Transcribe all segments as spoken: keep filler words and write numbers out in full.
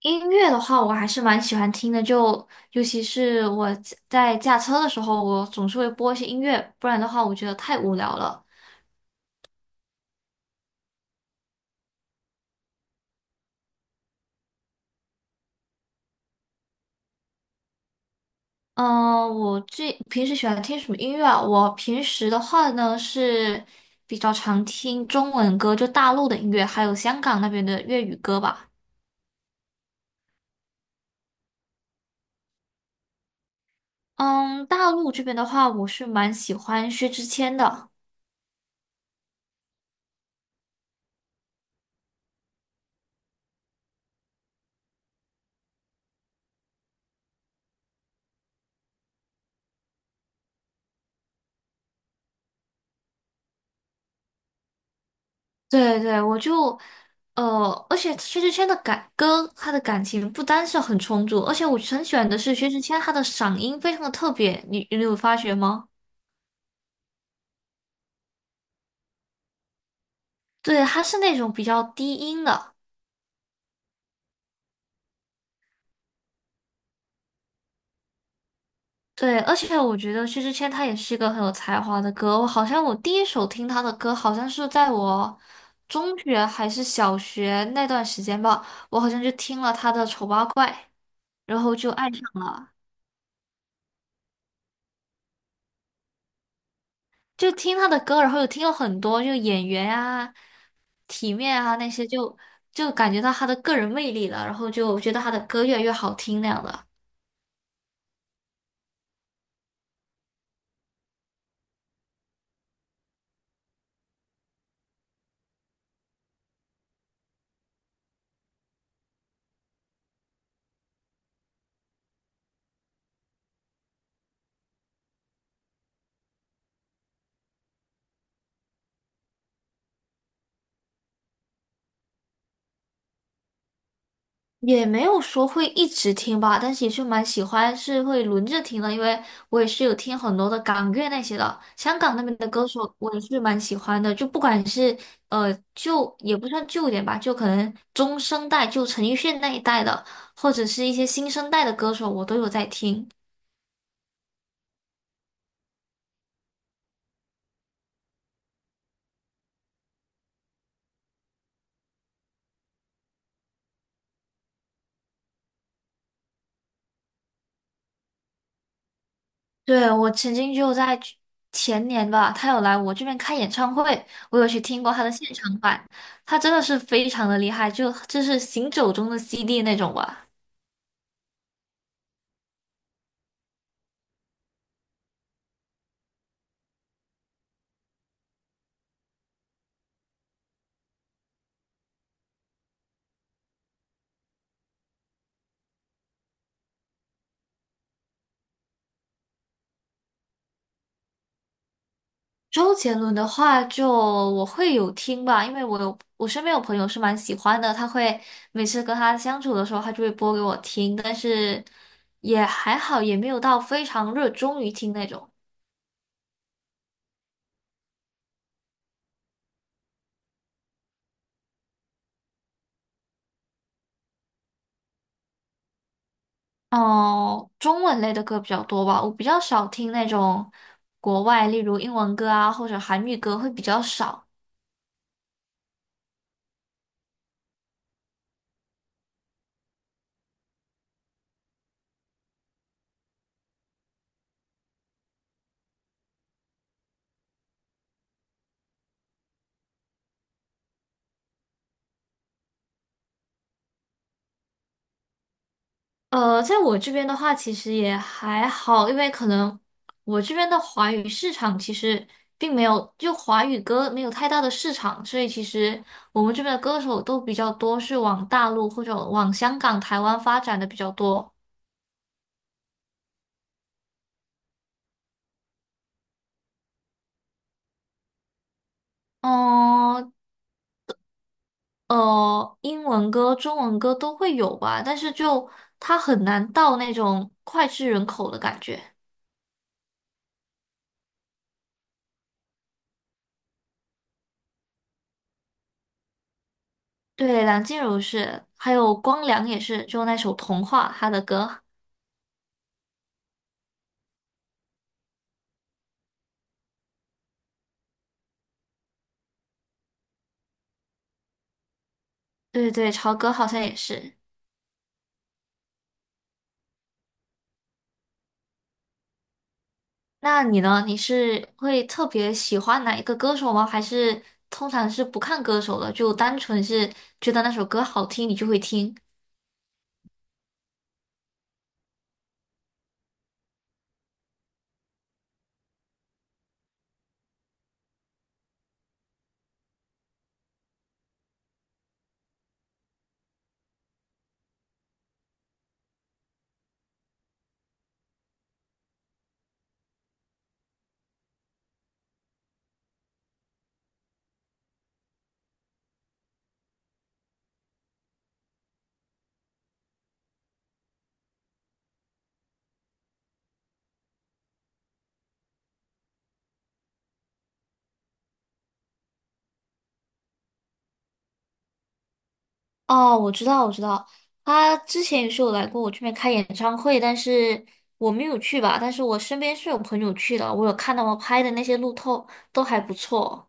音乐的话，我还是蛮喜欢听的，就尤其是我在在驾车的时候，我总是会播一些音乐，不然的话，我觉得太无聊了。嗯、我最平时喜欢听什么音乐啊？我平时的话呢是比较常听中文歌，就大陆的音乐，还有香港那边的粤语歌吧。嗯，大陆这边的话，我是蛮喜欢薛之谦的。对对，我就，呃，而且薛之谦的感歌，他的感情不单是很充足，而且我很喜欢的是薛之谦，他的嗓音非常的特别，你你有发觉吗？对，他是那种比较低音的。对，而且我觉得薛之谦他也是一个很有才华的歌，我好像我第一首听他的歌，好像是在我中学还是小学那段时间吧，我好像就听了他的《丑八怪》，然后就爱上了，就听他的歌，然后又听了很多，就演员啊。体面啊那些就，就感觉到他的个人魅力了，然后就觉得他的歌越来越好听那样的。也没有说会一直听吧，但是也是蛮喜欢，是会轮着听的，因为我也是有听很多的港乐那些的，香港那边的歌手我也是蛮喜欢的，就不管是呃旧也不算旧一点吧，就可能中生代，就陈奕迅那一代的，或者是一些新生代的歌手，我都有在听。对，我曾经就在去前年吧，他有来我这边开演唱会，我有去听过他的现场版，他真的是非常的厉害，就就是行走中的 C D 那种吧。周杰伦的话就我会有听吧，因为我有我身边有朋友是蛮喜欢的，他会每次跟他相处的时候，他就会播给我听，但是也还好，也没有到非常热衷于听那种。哦，中文类的歌比较多吧，我比较少听那种国外，例如英文歌啊，或者韩语歌会比较少。呃，在我这边的话，其实也还好，因为可能我这边的华语市场其实并没有，就华语歌没有太大的市场，所以其实我们这边的歌手都比较多是往大陆或者往香港、台湾发展的比较多。哦，呃，英文歌、中文歌都会有吧，但是就它很难到那种脍炙人口的感觉。对，梁静茹是，还有光良也是，就那首《童话》他的歌。对对，潮歌好像也是。那你呢？你是会特别喜欢哪一个歌手吗？还是通常是不看歌手的，就单纯是觉得那首歌好听，你就会听？哦，我知道，我知道，他之前也是有来过我这边开演唱会，但是我没有去吧。但是我身边是有朋友去的，我有看到我拍的那些路透都还不错。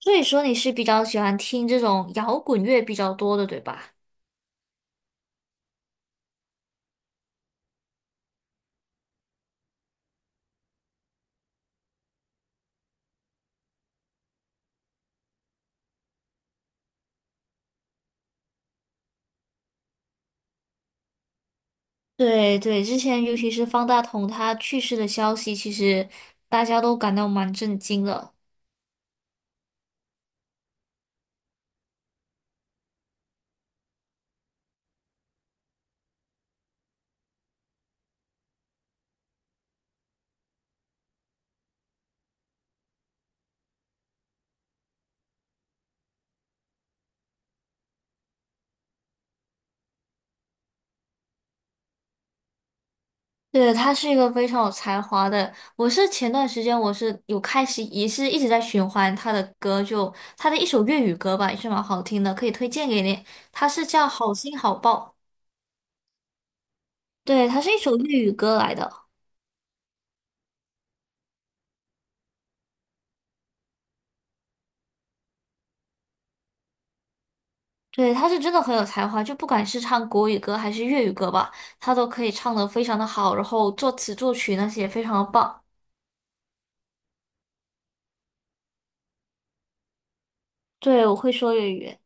所以说你是比较喜欢听这种摇滚乐比较多的，对吧？对对，之前尤其是方大同他去世的消息，其实大家都感到蛮震惊的。对，他是一个非常有才华的。我是前段时间我是有开始也是一直在循环他的歌，就他的一首粤语歌吧，也是蛮好听的，可以推荐给你。他是叫《好心好报》，对，他是一首粤语歌来的。对，他是真的很有才华，就不管是唱国语歌还是粤语歌吧，他都可以唱的非常的好，然后作词作曲那些也非常的棒。对，我会说粤语。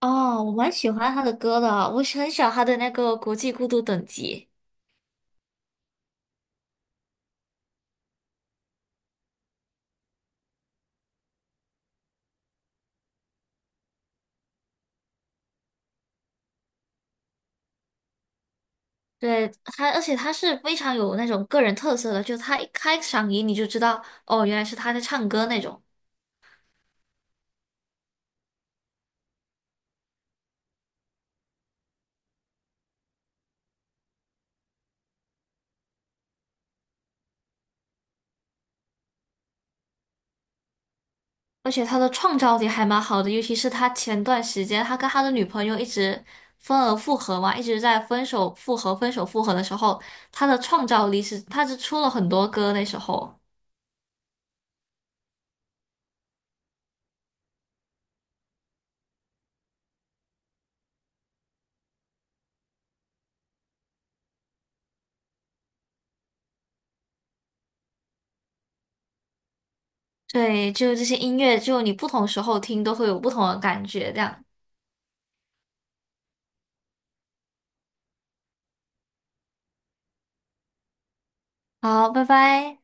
哦，我蛮喜欢他的歌的，我是很喜欢他的那个《国际孤独等级》。对他，而且他是非常有那种个人特色的，就他一开嗓音你就知道，哦，原来是他在唱歌那种。而且他的创造力还蛮好的，尤其是他前段时间他跟他的女朋友一直分而复合嘛，一直在分手复合、分手复合的时候，他的创造力是他是出了很多歌那时候。对，就这些音乐，就你不同时候听都会有不同的感觉，这样。好，拜拜。